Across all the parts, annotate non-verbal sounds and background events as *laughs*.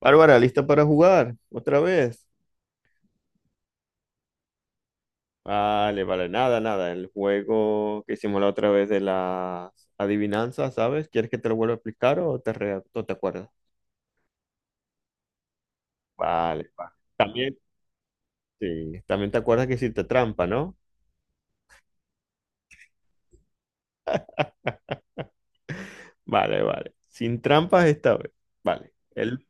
Bárbara, ¿lista para jugar otra vez? Vale, vale, nada, nada. El juego que hicimos la otra vez de las adivinanzas, ¿sabes? ¿Quieres que te lo vuelva a explicar o te, o te acuerdas? Vale, vale. También, sí, también te acuerdas que hiciste trampa, ¿no? Vale, vale. Sin trampas esta vez. Vale. El...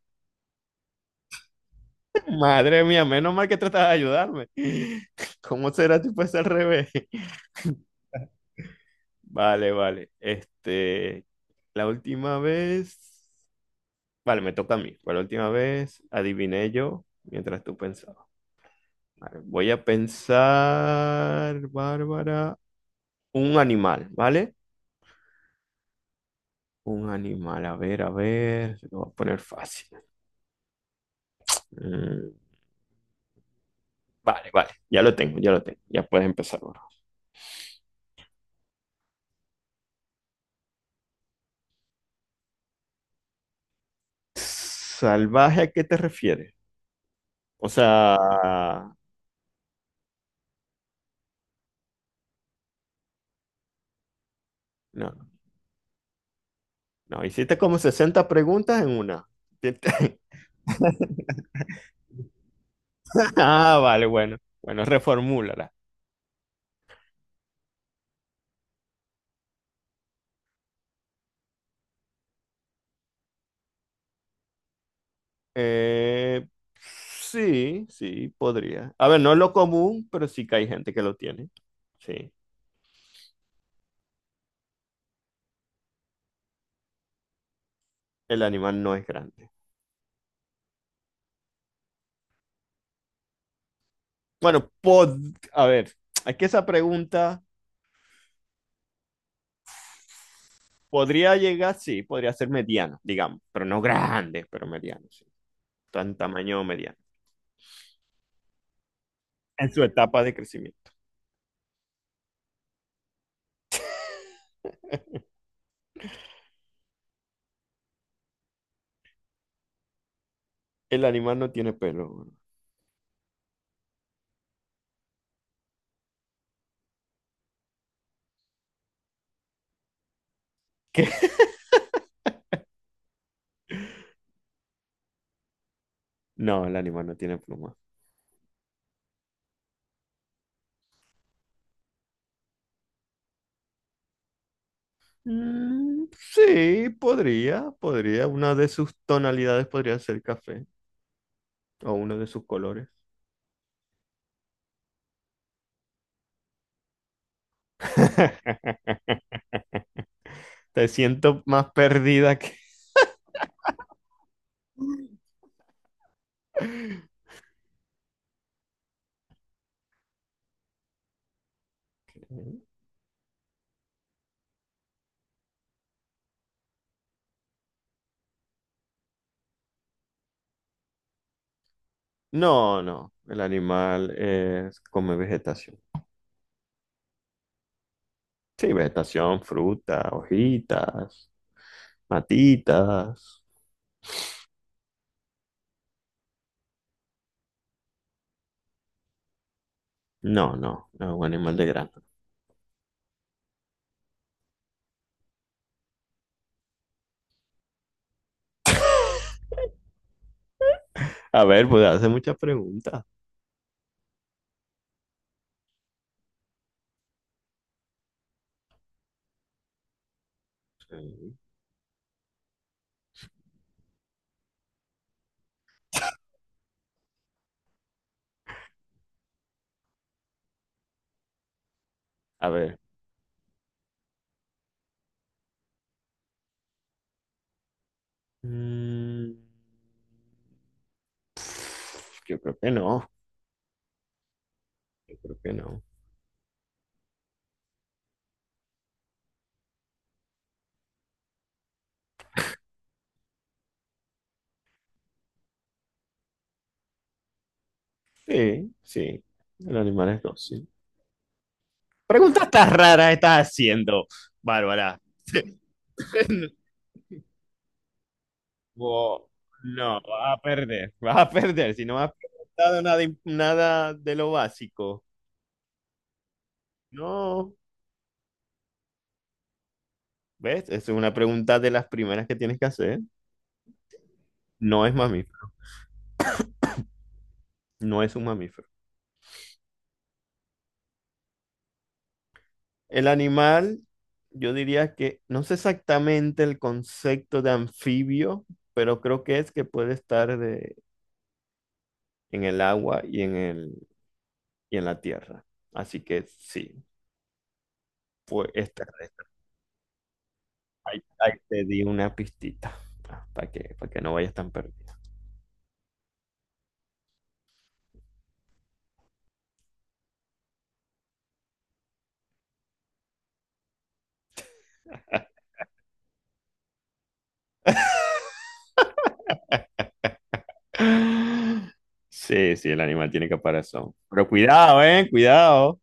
*laughs* Madre mía, menos mal que tratas de ayudarme. *laughs* ¿Cómo será si fuese al revés? *laughs* Vale, vale. Este, la última vez. Vale, me toca a mí. Por última vez, adiviné yo mientras tú pensabas. Vale, voy a pensar, Bárbara, un animal, ¿vale? Un animal, a ver, se lo voy a poner fácil. Mm, vale, vale, ya lo tengo, ya lo tengo. Ya puedes empezar, Bárbara. ¿Salvaje a qué te refieres? O sea, no, no, hiciste como 60 preguntas en una. *laughs* Ah, vale, bueno, bueno, reformúlala. Eh, sí, sí, podría. A ver, no es lo común, pero sí que hay gente que lo tiene. Sí, el animal no es grande. Bueno, a ver, es que esa pregunta podría llegar, sí, podría ser mediano, digamos, pero no grande, pero mediano, sí. Tan tamaño mediano. En su etapa de crecimiento. El animal no tiene pelo. Bro. ¿Qué? *laughs* No, el animal no tiene pluma. Mm, sí, podría, podría. Una de sus tonalidades podría ser café o uno de sus colores. *laughs* Te siento más perdida que... *laughs* No, no, el animal es, come vegetación. Sí, vegetación, fruta, hojitas, matitas. No, no, no es un animal de grano. *laughs* A ver, pues hace muchas preguntas. Sí. A ver. Mm, yo creo que no, yo creo que no. Sí, sí, el animal es dócil. Preguntas tan raras estás haciendo, Bárbara. *laughs* Bo- No, vas a perder si no has preguntado nada, nada de lo básico. No, ¿ves? Esa es una pregunta de las primeras que tienes que hacer. No es mamífero, no es un mamífero. El animal, yo diría que no sé exactamente el concepto de anfibio, pero creo que es que puede estar en el agua y y en la tierra. Así que sí, fue extraterrestre. Ahí, ahí te di una pistita para que no vayas tan perdido. *laughs* Sí, sí, el animal tiene caparazón. Pero cuidado, ¿eh? Cuidado.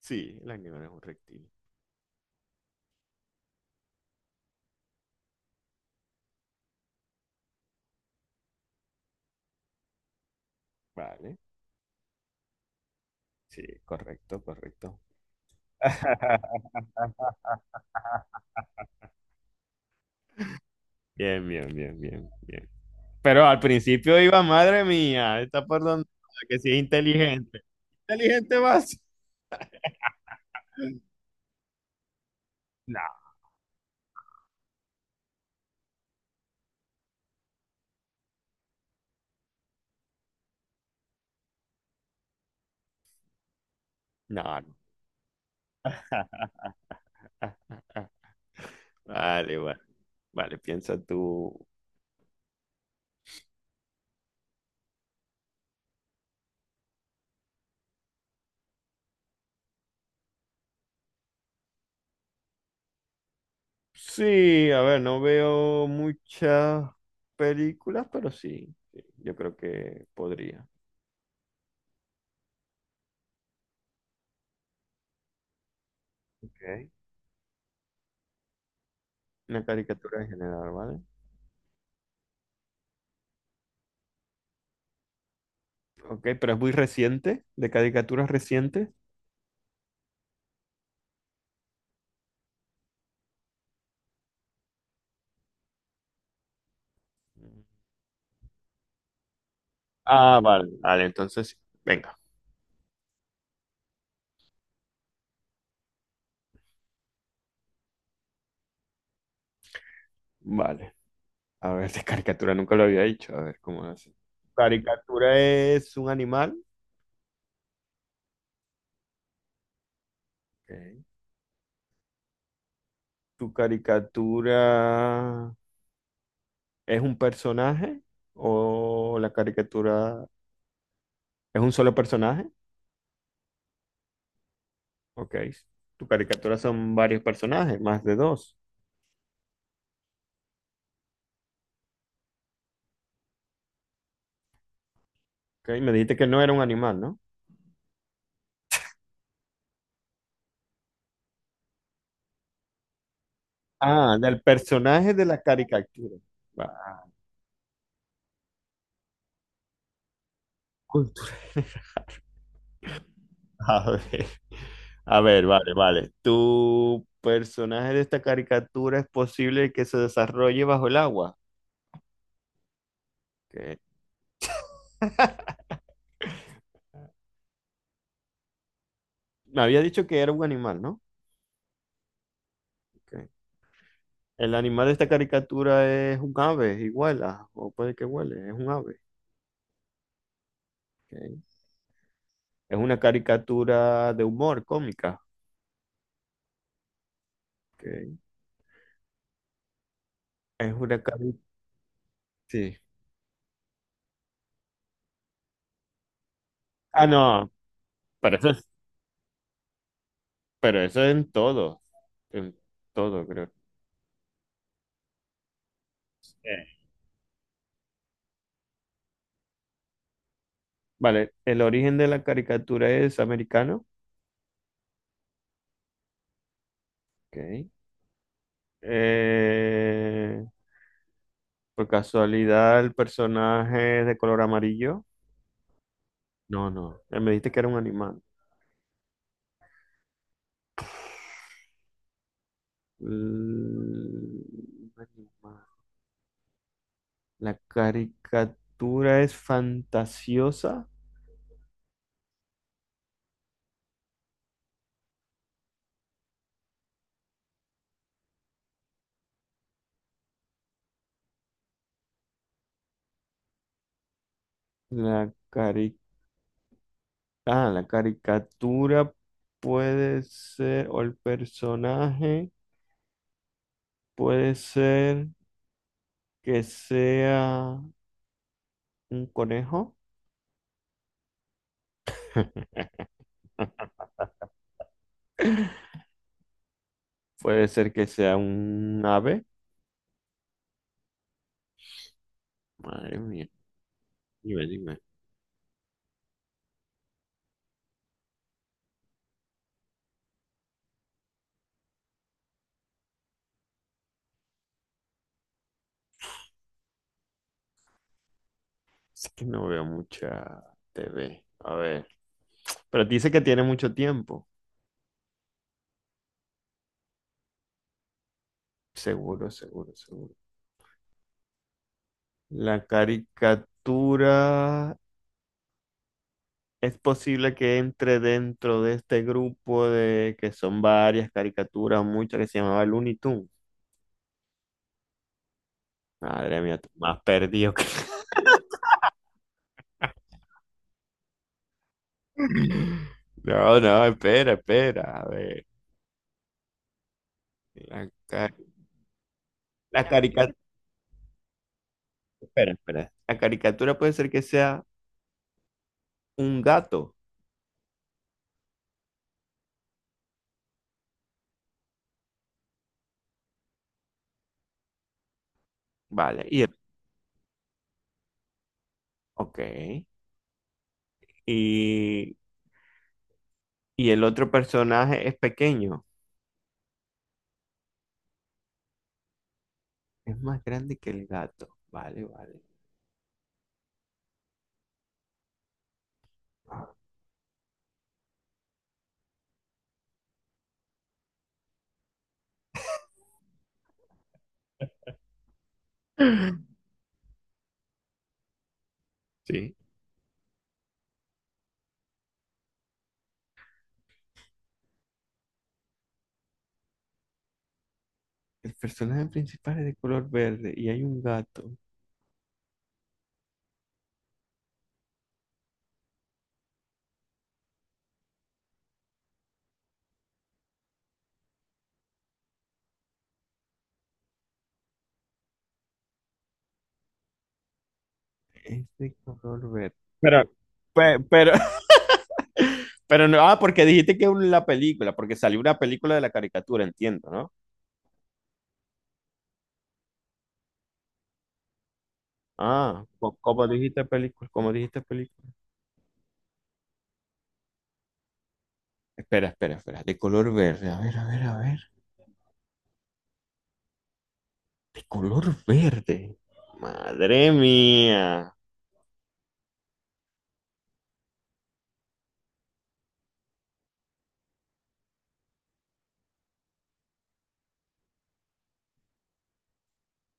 Sí, el animal es un reptil. Vale. Sí, correcto, correcto. *laughs* Bien, bien, bien, bien, bien. Pero al principio iba, madre mía, está por donde que sí es inteligente. Inteligente vas. *laughs* No, no, no. *laughs* Vale, vale. Vale, piensa tú. Sí, a ver, no veo muchas películas, pero sí, sí, yo creo que podría. Ok. Una caricatura en general, ¿vale? Ok, pero es muy reciente, de caricaturas recientes. Ah, vale. Vale, entonces, venga. Vale. A ver, *laughs* de caricatura nunca lo había dicho. A ver, ¿cómo hace? Caricatura es un animal. Ok. Tu caricatura, ¿es un personaje o la caricatura es un solo personaje? Ok. Tu caricatura son varios personajes, más de dos. Ok, me dijiste que no era un animal, ¿no? Ah, del personaje de la caricatura. Va, cultura. *laughs* A ver. A ver, vale, vale. ¿Tu personaje de esta caricatura es posible que se desarrolle bajo el agua? Ok. *laughs* Me había dicho que era un animal, ¿no? Ok. El animal de esta caricatura es un ave, igual, ah, o puede que huele, es un ave. Ok. Es una caricatura de humor cómica. Ok. Es una caricatura. Sí. Ah, no, pero eso es, pero eso es en todo creo. Eh. Vale, el origen de la caricatura es americano. Ok. Eh, por casualidad, el personaje es de color amarillo. No, no, me dijiste que era un animal. Mm, un animal. La caricatura es fantasiosa. La cari- ah, la caricatura puede ser, o el personaje puede ser que sea un conejo. *laughs* Puede ser que sea un ave. Madre mía, dime, dime. Es que no veo mucha TV. A ver, pero dice que tiene mucho tiempo. Seguro, seguro, seguro. La caricatura es posible que entre dentro de este grupo de que son varias caricaturas, muchas que se llamaba Looney Tunes. Madre mía, tú más perdido que... *laughs* No, no, espera, espera. A ver, la, ca- la caricatura... Espera, espera. La caricatura puede ser que sea un gato. Vale, y el... Ok. Y, y el otro personaje es pequeño. Es más grande que el gato. Vale, vale. *laughs* Sí, el personaje principal es de color verde y hay un gato. Es de color verde. Pero, pero, *laughs* pero no, ah, porque dijiste que la película, porque salió una película de la caricatura, entiendo, ¿no? Ah, como dijiste película, como dijiste película. Espera, espera, espera, de color verde, a ver, a ver, a ver, de color verde. Madre mía.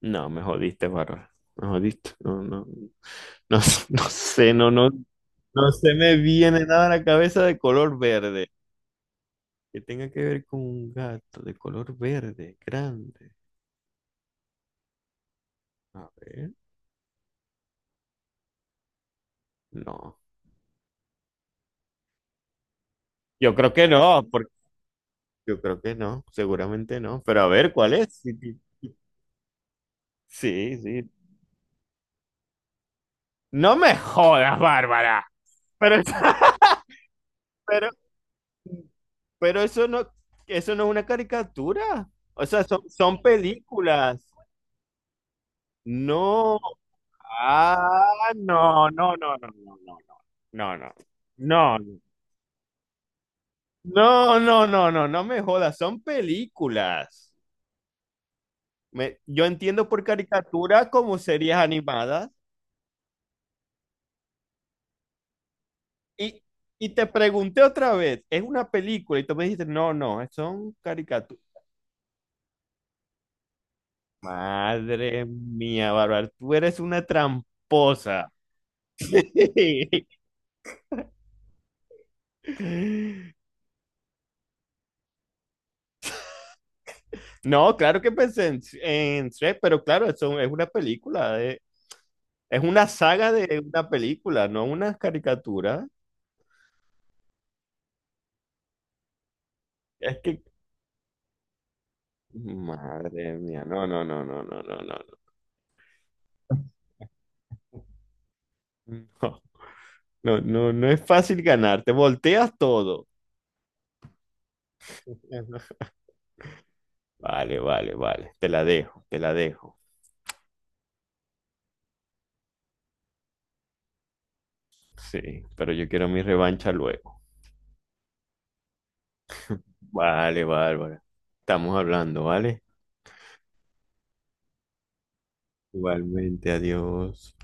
No, me jodiste, Barra. Me jodiste. No, no, no, *laughs* no sé, no, no. No se me viene nada a la cabeza de color verde. Que tenga que ver con un gato de color verde, grande. A ver. No. Yo creo que no, porque yo creo que no, seguramente no. Pero a ver, ¿cuál es? Sí, sí, sí. Sí. No me jodas, Bárbara. Pero, *laughs* pero, pero eso no es una caricatura. O sea, son películas. No. Ah, no, no, no, no, no, no, no, no, no. No, no. No, no, no, no, no me jodas, son películas. Yo entiendo por caricatura como series animadas. Y, y te pregunté otra vez, ¿es una película? Y tú me dijiste, no, no, son caricaturas. Madre mía, Bárbara, tú eres una tramposa. *laughs* No, claro que pensé en Shrek, pero claro, eso es una película, es una saga de una película, no una caricatura. Es que, madre mía, no, no, no, no, no, no, no. No. No, no, no, no es fácil ganar, te volteas todo. Vale, vale, vale, te la dejo, te la dejo. Sí, pero yo quiero mi revancha luego. Vale, Bárbara. Estamos hablando, ¿vale? Igualmente, adiós.